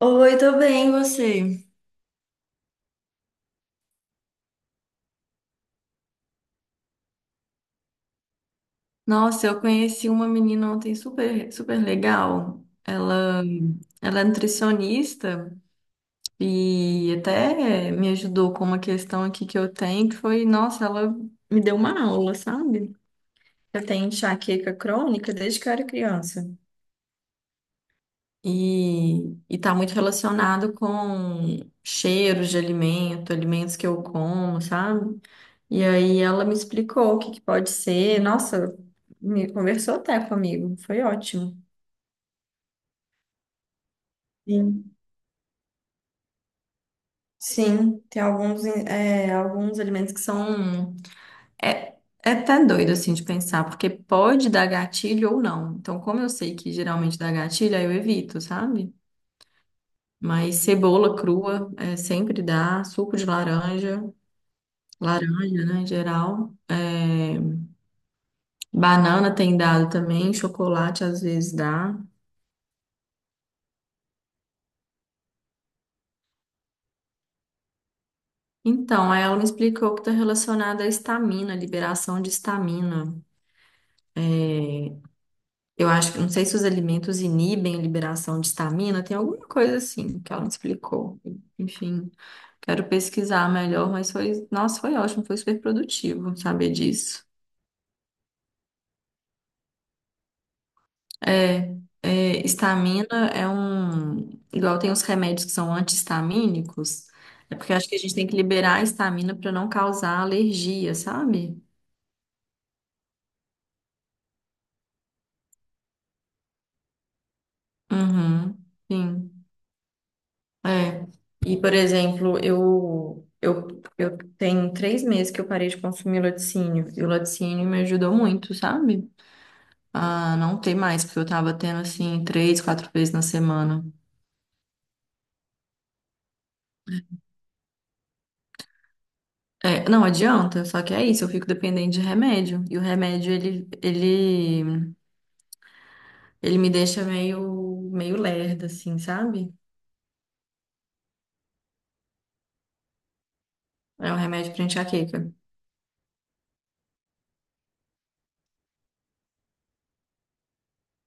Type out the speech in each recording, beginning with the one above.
Oi, tô bem, e você? Nossa, eu conheci uma menina ontem super, super legal. Ela é nutricionista e até me ajudou com uma questão aqui que eu tenho, que foi, nossa, ela me deu uma aula, sabe? Eu tenho enxaqueca crônica desde que eu era criança. E tá muito relacionado com cheiros de alimento, alimentos que eu como, sabe? E aí ela me explicou o que que pode ser. Nossa, me conversou até comigo. Foi ótimo. Sim. Sim, tem alguns, é, alguns alimentos que são. É, é até doido assim de pensar, porque pode dar gatilho ou não. Então, como eu sei que geralmente dá gatilho, aí eu evito, sabe? Mas cebola crua é, sempre dá, suco de laranja, laranja, né, em geral. É, banana tem dado também, chocolate às vezes dá. Então, aí ela me explicou que está relacionada à histamina, liberação de histamina. Eu acho que, não sei se os alimentos inibem a liberação de histamina, tem alguma coisa assim que ela me explicou. Enfim, quero pesquisar melhor, mas foi, nossa, foi ótimo, foi super produtivo saber disso. É, é, histamina é um, igual tem os remédios que são anti-histamínicos, é porque eu acho que a gente tem que liberar a histamina para não causar alergia, sabe? Uhum, sim. É. E, por exemplo, eu tenho 3 meses que eu parei de consumir laticínio. E o laticínio me ajudou muito, sabe? A não ter mais, porque eu tava tendo, assim, três, quatro vezes na semana. É, não adianta, só que é isso, eu fico dependente de remédio. E o remédio, ele me deixa meio, meio lerda, assim, sabe? É um remédio pra enxaqueca.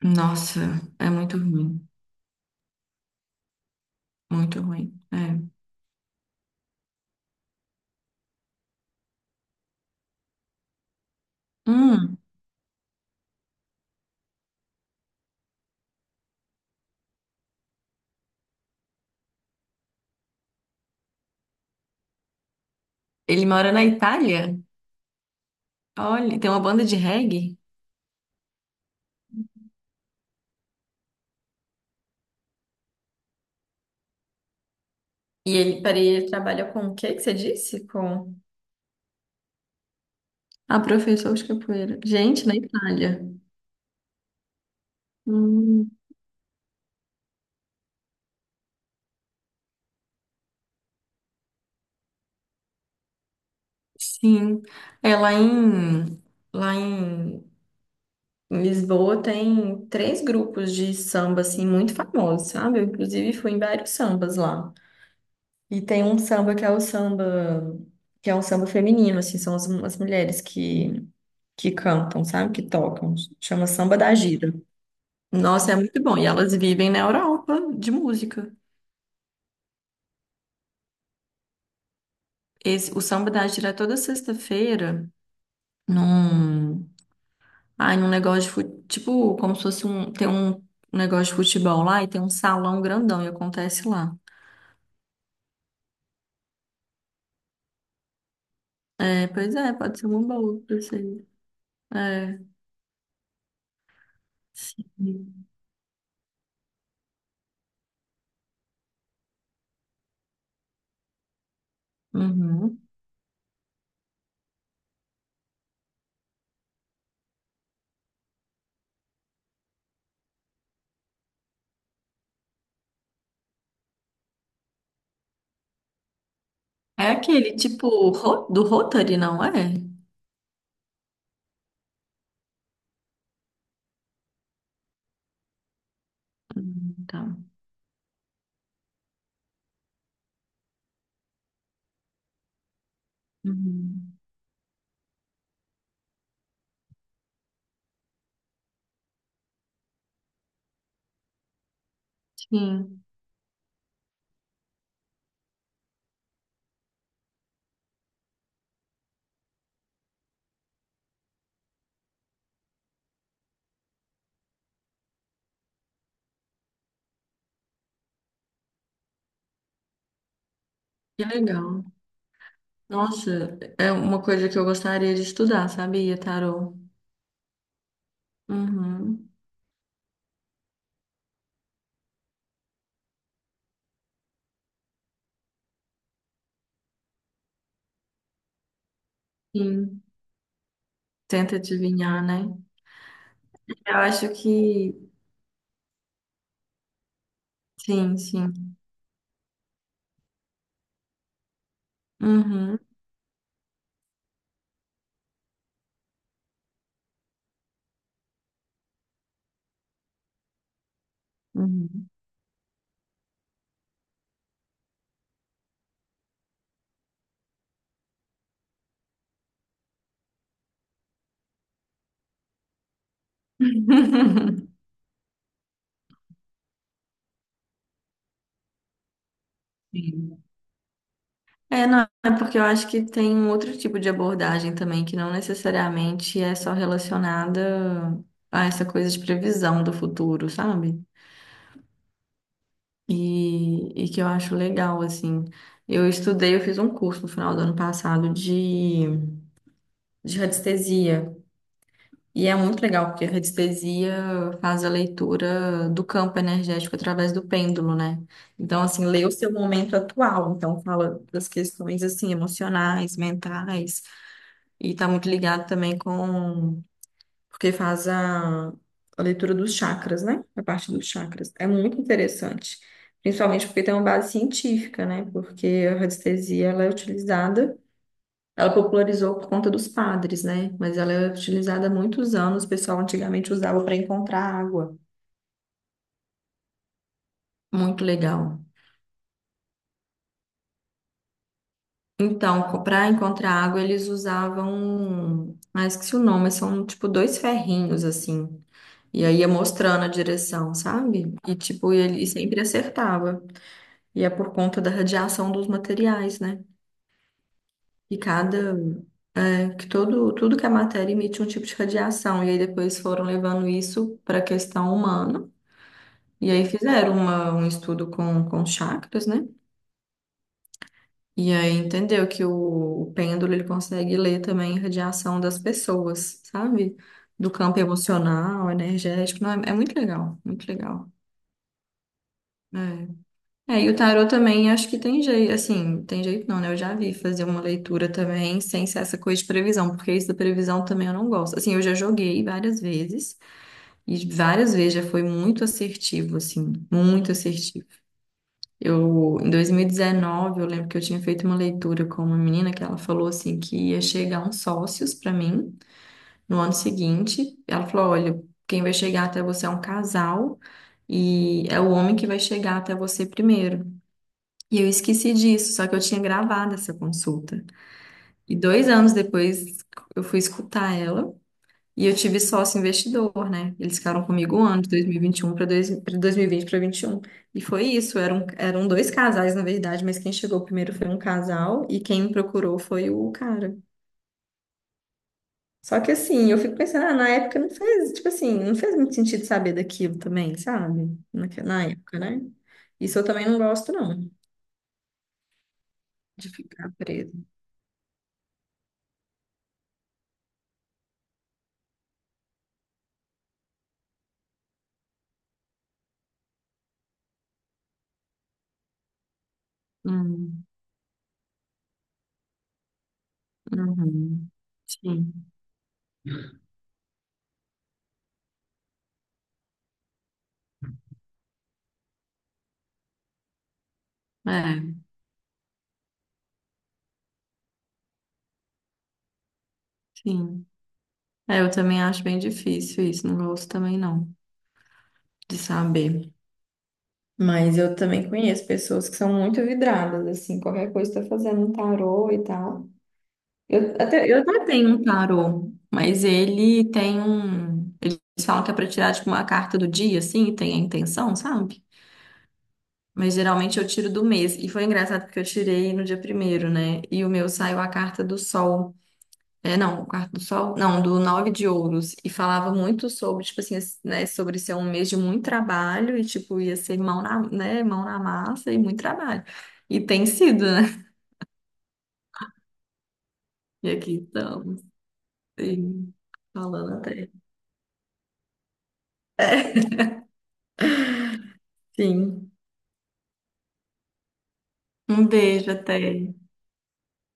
Nossa, é muito ruim, muito ruim. É. Hum, ele mora na Itália? Olha, tem uma banda de reggae? E ele, peraí, ele trabalha com o que que você disse? Com... a professor de capoeira. Gente, na Itália. Hum, sim. É lá em em Lisboa tem 3 grupos de samba, assim, muito famosos, sabe? Eu, inclusive, fui em vários sambas lá. E tem um samba que é o samba, que é um samba feminino, assim, são as mulheres que cantam, sabe? Que tocam. Chama Samba da Gira. Nossa, é muito bom. E elas vivem na Europa de música. Esse, o Samba da Átila é toda sexta-feira num, num negócio de fute, tipo, como se fosse um, tem um negócio de futebol lá e tem um salão grandão e acontece lá. É, pois é, pode ser uma boa pra vocês. É, sim. Uhum. É aquele tipo do Rotary, não é? Tá. Uhum. Sim, que legal. Nossa, é uma coisa que eu gostaria de estudar, sabia, tarô? Uhum. Sim. Tenta adivinhar, né? Eu acho que sim, sim. Uhum. Uhum. Sim. É, não, é porque eu acho que tem um outro tipo de abordagem também, que não necessariamente é só relacionada a essa coisa de previsão do futuro, sabe? E que eu acho legal, assim. Eu estudei, eu fiz um curso no final do ano passado de radiestesia. E é muito legal, porque a radiestesia faz a leitura do campo energético através do pêndulo, né? Então, assim, lê o seu momento atual. Então, fala das questões, assim, emocionais, mentais. E tá muito ligado também com... Porque faz a leitura dos chakras, né? A parte dos chakras. É muito interessante. Principalmente porque tem uma base científica, né? Porque a radiestesia, ela é utilizada ela popularizou por conta dos padres, né? Mas ela é utilizada há muitos anos. O pessoal antigamente usava para encontrar água. Muito legal. Então, para encontrar água, eles usavam. Ah, esqueci o nome, mas são tipo dois ferrinhos assim. E aí ia mostrando a direção, sabe? E tipo, ele sempre acertava. E é por conta da radiação dos materiais, né? E cada. É que todo, tudo que é matéria emite um tipo de radiação. E aí depois foram levando isso para a questão humana. E aí fizeram um estudo com chakras, né? E aí entendeu que o pêndulo ele consegue ler também a radiação das pessoas, sabe? Do campo emocional, energético. Não, é, é muito legal, muito legal. É. É, e o tarô também acho que tem jeito, assim, tem jeito não, né? Eu já vi fazer uma leitura também sem ser essa coisa de previsão, porque isso da previsão também eu não gosto. Assim, eu já joguei várias vezes e várias vezes já foi muito assertivo, assim, muito assertivo. Eu, em 2019, eu lembro que eu tinha feito uma leitura com uma menina que ela falou assim que ia chegar uns sócios para mim no ano seguinte. Ela falou: "Olha, quem vai chegar até você é um casal e é o homem que vai chegar até você primeiro". E eu esqueci disso, só que eu tinha gravado essa consulta. E 2 anos depois eu fui escutar ela. E eu tive sócio investidor, né? Eles ficaram comigo um ano, de 2021 para 2020 para 21. E um. E foi isso, eram dois casais, na verdade, mas quem chegou primeiro foi um casal e quem me procurou foi o cara. Só que assim, eu fico pensando, ah, na época não fez, tipo assim, não fez muito sentido saber daquilo também, sabe? Na época, né? Isso eu também não gosto, não, de ficar presa. Hum, uhum. Sim, é, sim. É, eu também acho bem difícil isso, não gosto também não, de saber. Mas eu também conheço pessoas que são muito vidradas, assim, qualquer coisa tá fazendo um tarô e tal. Eu até tenho um tarô, mas ele tem um. Eles falam que é pra tirar, tipo, uma carta do dia, assim, e tem a intenção, sabe? Mas geralmente eu tiro do mês. E foi engraçado porque eu tirei no dia primeiro, né? E o meu saiu a carta do sol. É, não, o quarto do sol, não, do nove de ouros. E falava muito sobre, tipo assim, esse- né, sobre ser um mês de muito trabalho e, tipo, ia ser mão na, né, mão na massa e muito trabalho. E tem sido, né? E aqui estamos, sim, falando até. Sim. Um beijo até.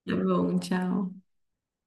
Tá bom, tchau.